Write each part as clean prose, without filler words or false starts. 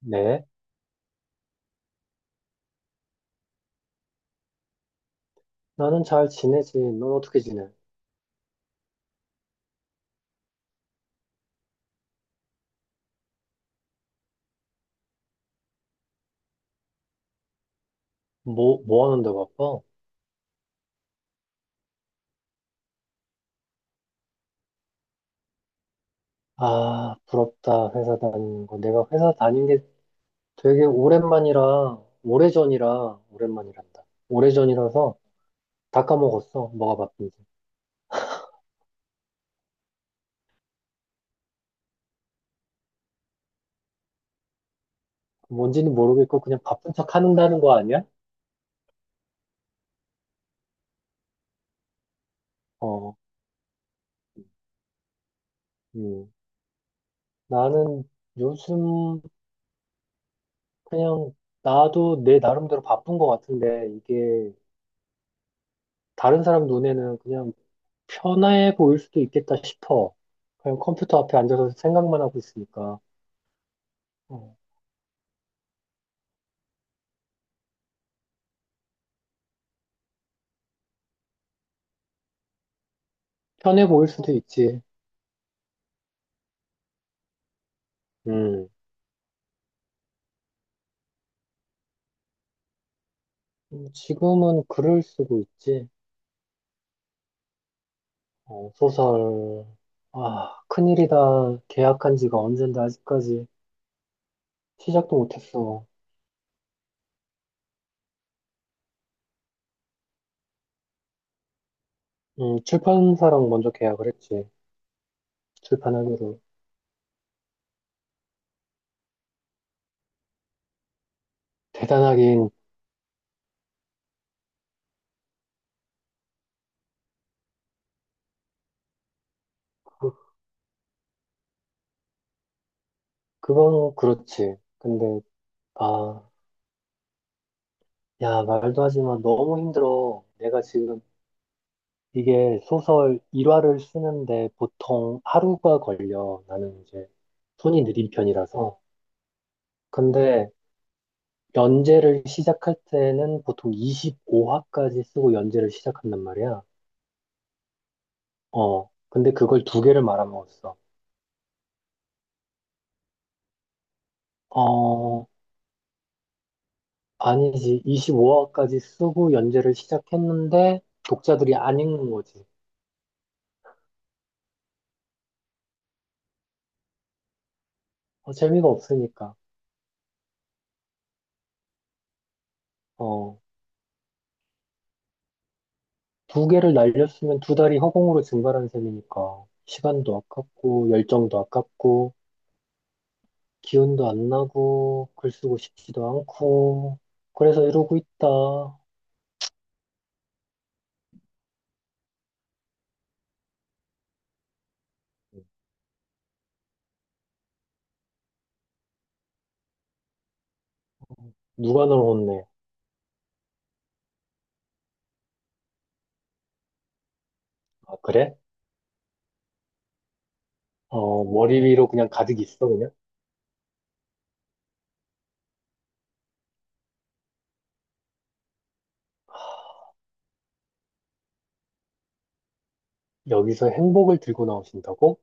네, 나는 잘 지내지. 넌 어떻게 지내? 뭐, 뭐 하는데 바빠? 아, 부럽다. 회사 다니는 거. 내가 회사 다닌 게 되게 오랜만이라, 오래전이라, 오랜만이란다. 오래전이라서 다 까먹었어. 뭐가 바쁜지. 뭔지는 모르겠고, 그냥 바쁜 척 하는다는 거 아니야? 어, 음. 나는 요즘 그냥 나도 내 나름대로 바쁜 것 같은데, 이게 다른 사람 눈에는 그냥 편해 보일 수도 있겠다 싶어. 그냥 컴퓨터 앞에 앉아서 생각만 하고 있으니까. 어, 편해 보일 수도 있지. 음, 지금은 글을 쓰고 있지. 어, 소설. 아, 큰일이다. 계약한 지가 언젠데 아직까지 시작도 못했어. 출판사랑 먼저 계약을 했지. 출판하기로. 대단하긴, 그, 그건 그렇지. 근데, 아, 야, 말도 하지 마. 너무 힘들어. 내가 지금 이게 소설 1화를 쓰는데 보통 하루가 걸려. 나는 이제 손이 느린 편이라서. 근데 연재를 시작할 때는 보통 25화까지 쓰고 연재를 시작한단 말이야. 어, 근데 그걸 두 개를 말아먹었어. 어, 아니지. 25화까지 쓰고 연재를 시작했는데 독자들이 안 읽는 거지. 어, 재미가 없으니까. 어, 두 개를 날렸으면 두 달이 허공으로 증발한 셈이니까 시간도 아깝고 열정도 아깝고 기운도 안 나고, 글 쓰고 싶지도 않고, 그래서 이러고 있다. 누가 널 혼내? 아, 그래? 어, 머리 위로 그냥 가득 있어, 그냥? 여기서 행복을 들고 나오신다고?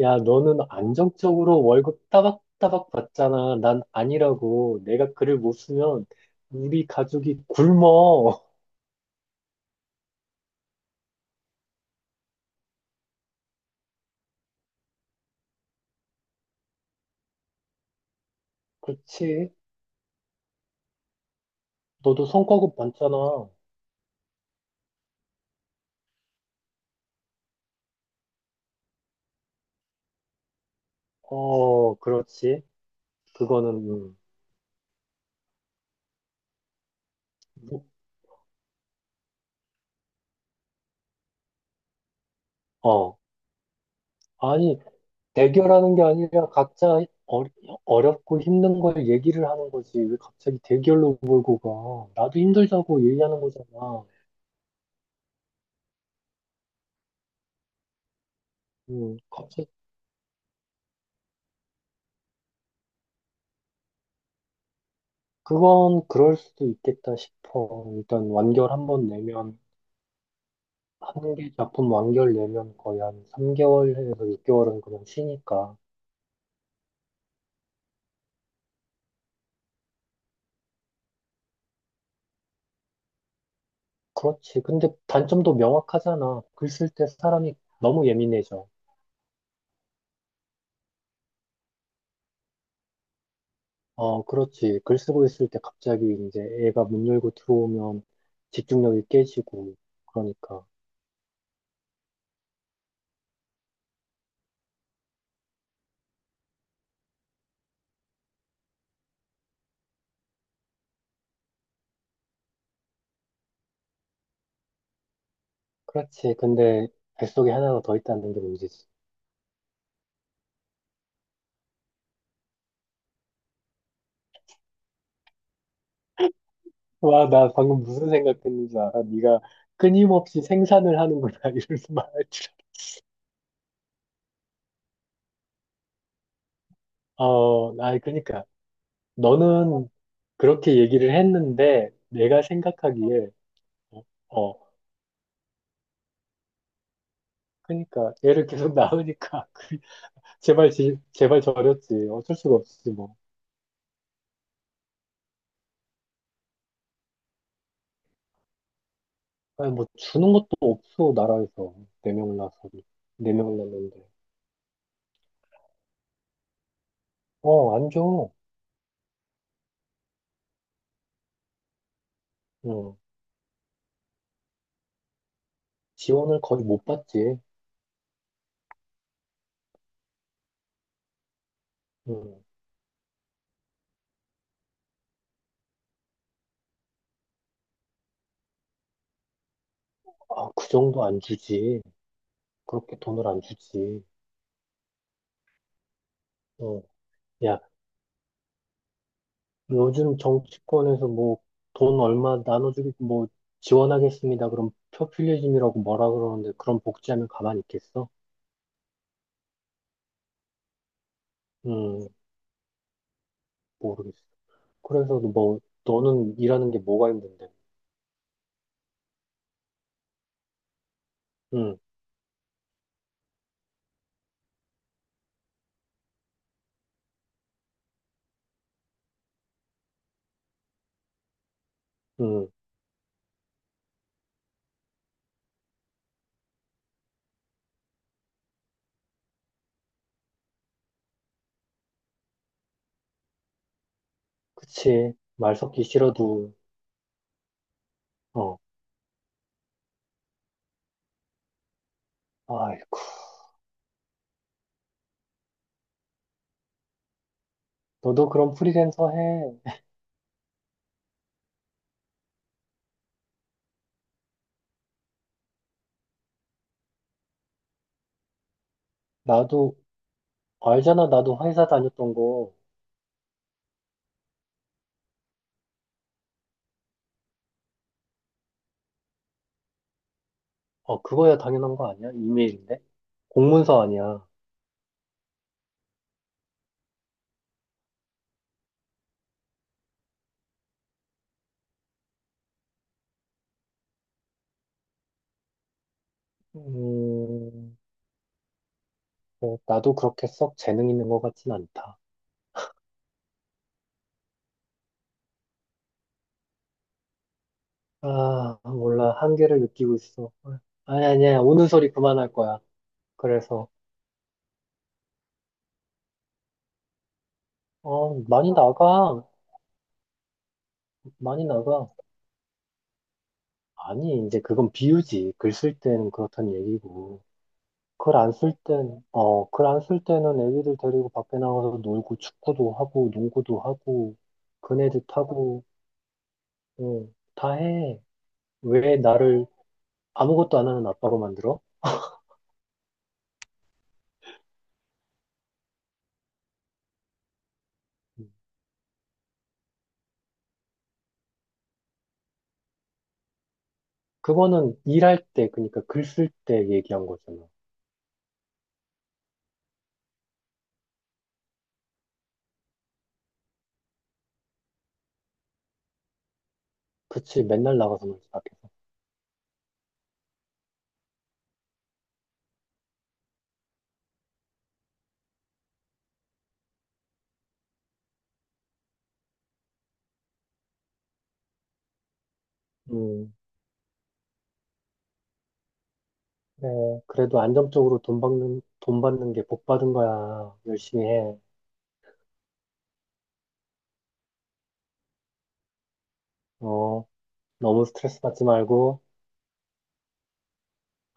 야, 너는 안정적으로 월급 따박따박 받잖아. 난 아니라고. 내가 글을 못 쓰면 우리 가족이 굶어. 그렇지? 너도 성과급 받잖아. 어, 그렇지. 그거는, 음, 어. 아니, 대결하는 게 아니라 각자 어, 어렵고 힘든 걸 얘기를 하는 거지. 왜 갑자기 대결로 몰고 가? 나도 힘들다고 얘기하는 거잖아. 갑자기 그건 그럴 수도 있겠다 싶어. 일단 완결 한번 내면 한 개 작품 완결 내면 거의 한 3개월에서 6개월은 그냥 쉬니까. 그렇지. 근데 단점도 명확하잖아. 글 쓸 때 사람이 너무 예민해져. 어, 그렇지. 글 쓰고 있을 때 갑자기 이제 애가 문 열고 들어오면 집중력이 깨지고, 그러니까. 그렇지. 근데 뱃속에 하나가 더 있다는 게 문제지. 와, 나 방금 무슨 생각했는지 알아? 네가 끊임없이 생산을 하는구나, 이러면서 말할 줄 알아. 어, 아, 그러니까. 너는 그렇게 얘기를 했는데, 내가 생각하기에, 어, 어, 그러니까, 애를 계속 낳으니까, 제발, 제발 저렸지. 어쩔 수가 없지, 뭐. 아니, 뭐, 주는 것도 없어, 나라에서. 네 명을나서 네 명을나는데 어, 안 줘. 응. 지원을 거의 못 받지. 응. 아, 그 정도 안 주지. 그렇게 돈을 안 주지. 응. 야, 요즘 정치권에서 뭐, 돈 얼마 나눠주기, 뭐, 지원하겠습니다. 그럼 포퓰리즘이라고 뭐라 그러는데, 그런 복지하면 가만히 있겠어? 응, 모르겠어. 그래서 뭐, 너는 일하는 게 뭐가 힘든데. 응, 응. 그치. 말 섞기 싫어도. 어. 아이고, 너도 그럼 프리랜서 해. 나도, 알잖아. 나도 회사 다녔던 거. 어, 그거야 당연한 거 아니야? 이메일인데? 공문서 아니야. 음, 뭐, 나도 그렇게 썩 재능 있는 것 같진 않다. 아, 몰라. 한계를 느끼고 있어. 아니, 아니야. 우는 소리 그만할 거야. 그래서, 어, 많이 나가. 많이 나가. 아니, 이제 그건 비유지. 글 쓸 때는 그렇단 얘기고. 글 안 쓸 땐, 어, 글 안 쓸 때는 애기들 데리고 밖에 나가서 놀고 축구도 하고 농구도 하고 그네도 타고 어, 다 해. 왜 나를 아무것도 안 하는 아빠로 만들어? 음. 그거는 일할 때, 그러니까 글 쓸 때 얘기한 거잖아. 그치, 맨날 나가서 놀지 밖에서. 음, 그래. 그래도 안정적으로 돈 받는, 돈 받는 게 복 받은 거야. 열심히 해. 어, 너무 스트레스 받지 말고.